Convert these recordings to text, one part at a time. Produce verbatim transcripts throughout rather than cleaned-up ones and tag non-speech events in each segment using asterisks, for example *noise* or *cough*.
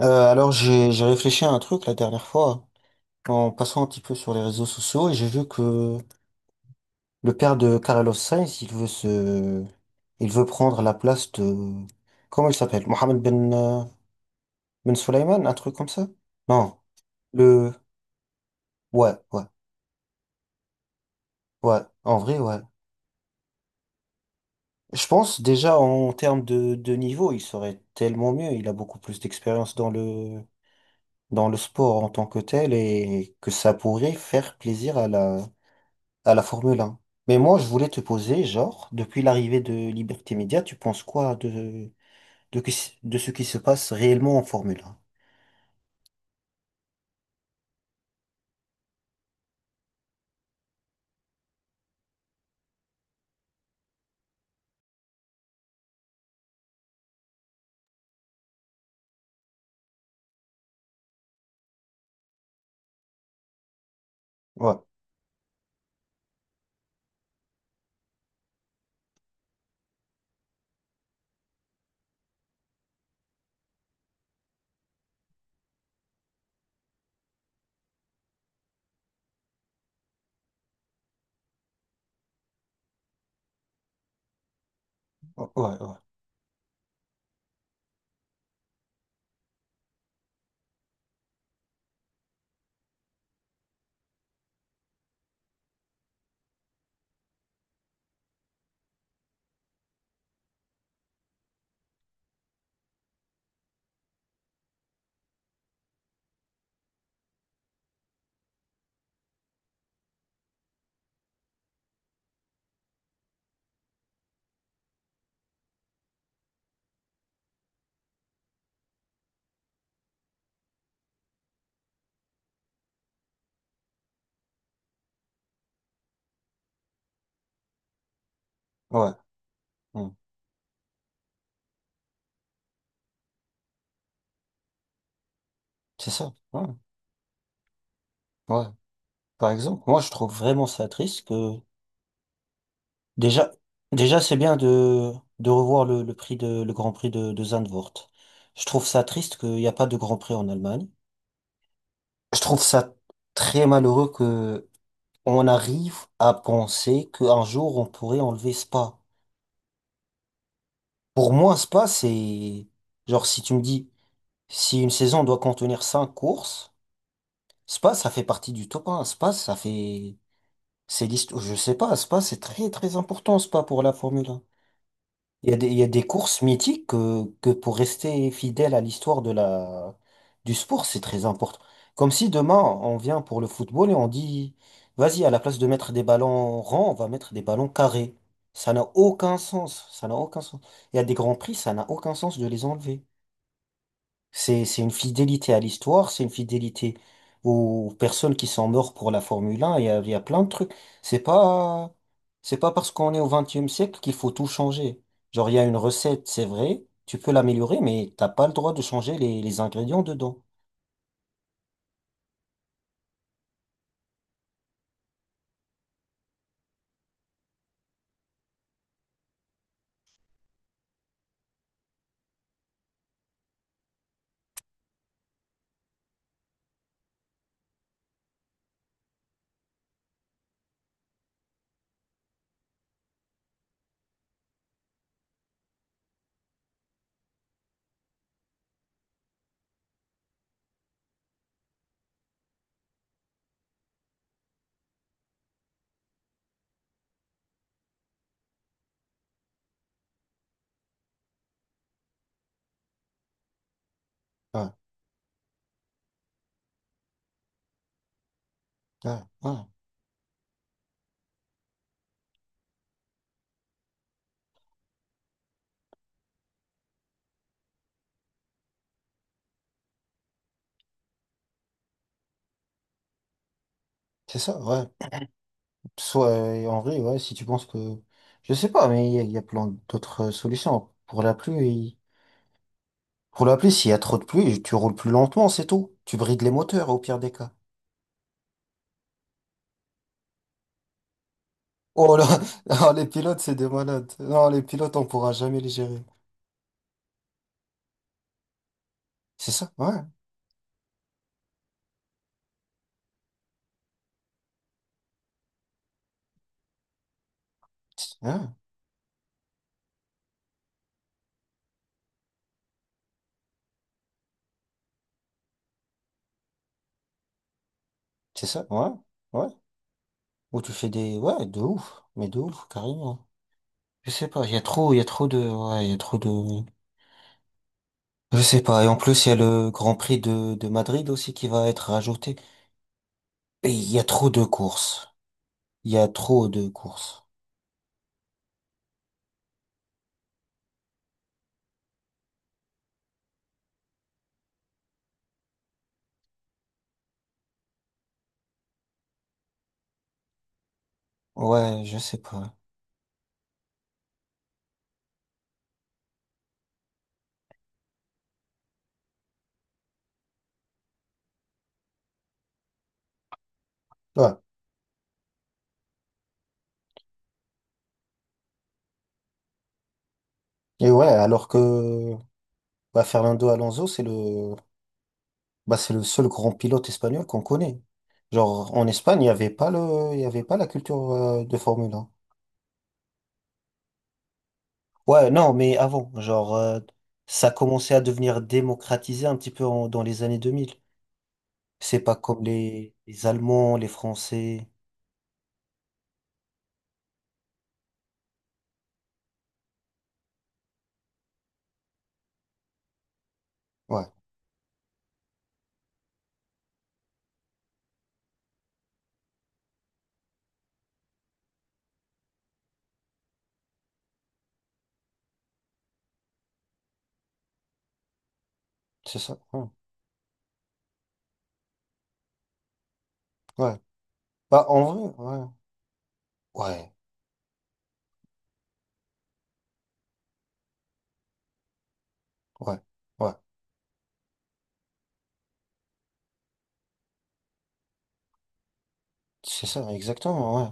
Euh, alors j'ai j'ai réfléchi à un truc la dernière fois en passant un petit peu sur les réseaux sociaux et j'ai vu que le père de Carlos Sainz il veut se il veut prendre la place de, comment il s'appelle, Mohamed Ben euh, Ben Sulayman, un truc comme ça? Non. le Ouais, ouais, ouais, en vrai, ouais. Je pense déjà en termes de de niveau il serait tellement mieux, il a beaucoup plus d'expérience dans le dans le sport en tant que tel, et que ça pourrait faire plaisir à la à la Formule un. Mais moi, je voulais te poser, genre, depuis l'arrivée de Liberté Média, tu penses quoi de, de, qui- de ce qui se passe réellement en Formule un? Ouais, ouais, ouais, ouais. Hmm. C'est ça. Ouais, ouais. Par exemple, moi, je trouve vraiment ça triste que déjà, déjà, c'est bien de, de revoir le, le prix de, le Grand Prix de, de Zandvoort. Je trouve ça triste qu'il n'y a pas de Grand Prix en Allemagne. Je trouve ça très malheureux que on arrive à penser qu'un jour on pourrait enlever Spa. Pour moi, Spa, c'est, genre, si tu me dis, si une saison doit contenir cinq courses, Spa, ça fait partie du top un. Spa, ça fait c'est l'histoire. Je sais pas, Spa, c'est très très important, Spa, pour la Formule un. Il y a des, il y a des courses mythiques que, que pour rester fidèle à l'histoire de la du sport, c'est très important. Comme si demain on vient pour le football et on dit, vas-y, à la place de mettre des ballons ronds, on va mettre des ballons carrés. Ça n'a aucun sens. Ça n'a aucun sens. Il y a des grands prix, ça n'a aucun sens de les enlever. C'est, c'est une fidélité à l'histoire, c'est une fidélité aux personnes qui sont mortes pour la Formule un, il y a, il y a plein de trucs. C'est pas, c'est pas parce qu'on est au vingt et unième siècle qu'il faut tout changer. Genre, il y a une recette, c'est vrai, tu peux l'améliorer, mais t'as pas le droit de changer les, les ingrédients dedans. Ouais, ouais, ouais. C'est ça, ouais. Soit, euh, en vrai, ouais, si tu penses que, je sais pas, mais il y, a il y a plein d'autres euh, solutions. Pour la pluie, pour la pluie, s'il y a trop de pluie, tu roules plus lentement, c'est tout. Tu brides les moteurs au pire des cas. Oh là, *laughs* non, les pilotes, c'est des malades. Non, les pilotes, on pourra jamais les gérer. C'est ça, ouais. C'est ouais, c'est ça, ouais. Ouais. Ou tu fais des... Ouais, de ouf. Mais de ouf, carrément. Je sais pas, il y a trop, il y a trop de... Ouais, il y a trop de... Je sais pas. Et en plus, il y a le Grand Prix de, de Madrid aussi qui va être rajouté. Et il y a trop de courses. Il y a trop de courses. Ouais, je sais pas. Ouais. Et ouais, alors que, bah, Fernando Alonso, c'est le... Bah, c'est le seul grand pilote espagnol qu'on connaît. Genre, en Espagne, il n'y avait pas le, il y avait pas la culture, euh, de Formule un. Ouais, non, mais avant, genre, euh, ça commençait à devenir démocratisé un petit peu en- dans les années deux mille. C'est pas comme les, les Allemands, les Français. Ouais, c'est ça. Ouais. Ouais. Bah, en vrai, ouais. Ouais, ouais, ouais. C'est ça, exactement, ouais.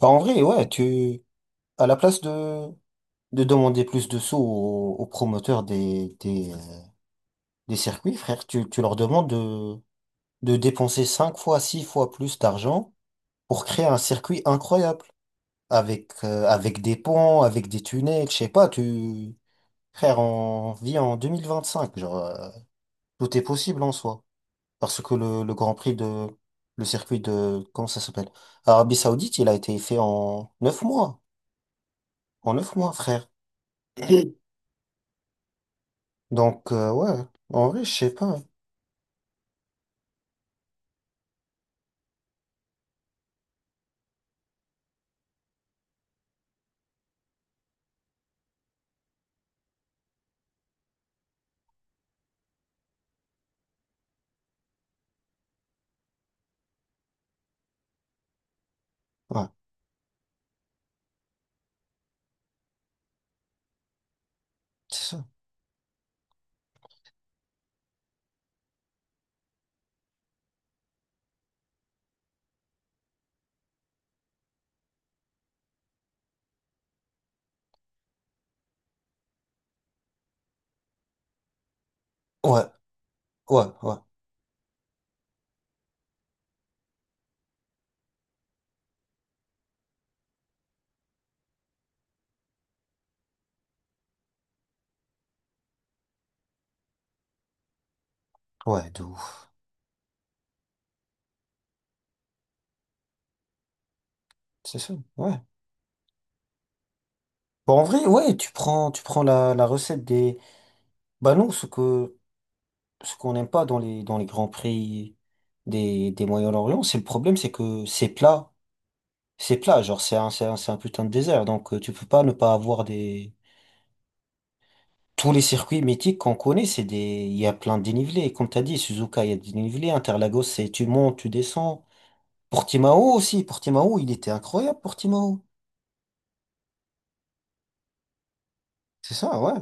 Bah, en vrai, ouais, tu, à la place de, de demander plus de sous aux, aux promoteurs des, des, Des circuits, frère, tu, tu leur demandes de, de dépenser cinq fois, six fois plus d'argent pour créer un circuit incroyable. Avec, euh, avec des ponts, avec des tunnels, je sais pas, tu... Frère, on vit en deux mille vingt cinq, genre, euh, tout est possible en soi. Parce que le, le Grand Prix de... Le circuit de... Comment ça s'appelle? Arabie Saoudite, il a été fait en neuf mois. En neuf mois, frère. *clears throat* Donc, euh, ouais, en vrai, je sais pas. Ouais, c'est ça. Ouais, ouais, ouais, ouais, de ouf. C'est ça, ouais. Bon, en vrai, ouais, tu prends, tu prends la, la recette des... Bah non, ce que, ce qu'on n'aime pas dans les, dans les grands prix des, des Moyen-Orient, c'est le problème, c'est que c'est plat. C'est plat, genre c'est un, c'est un, c'est un putain de désert. Donc euh, tu peux pas ne pas avoir des... Tous les circuits mythiques qu'on connaît, c'est des... Il y a plein de dénivelés. Comme t'as dit, Suzuka, il y a des dénivelés. Interlagos, c'est tu montes, tu descends. Portimao aussi. Portimao, il était incroyable, Portimao. C'est ça, ouais.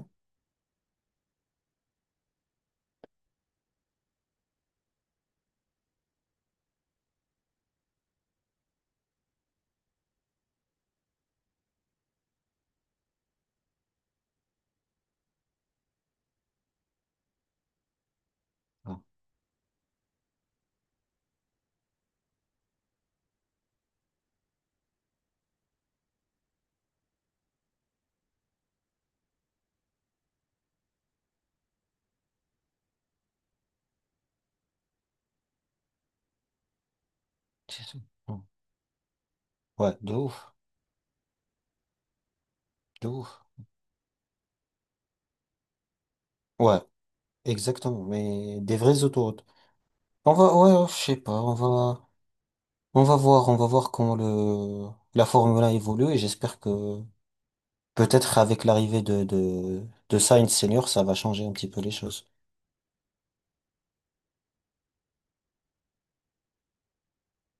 Ouais, c'est ça. Ouais, de ouf, de ouf. Ouais. Exactement, mais des vraies autoroutes. On va, ouais, je sais pas, on va, on va voir, on va voir comment le, la Formule un évolue, et j'espère que peut-être avec l'arrivée de, de, de Sainz Senior, ça va changer un petit peu les choses.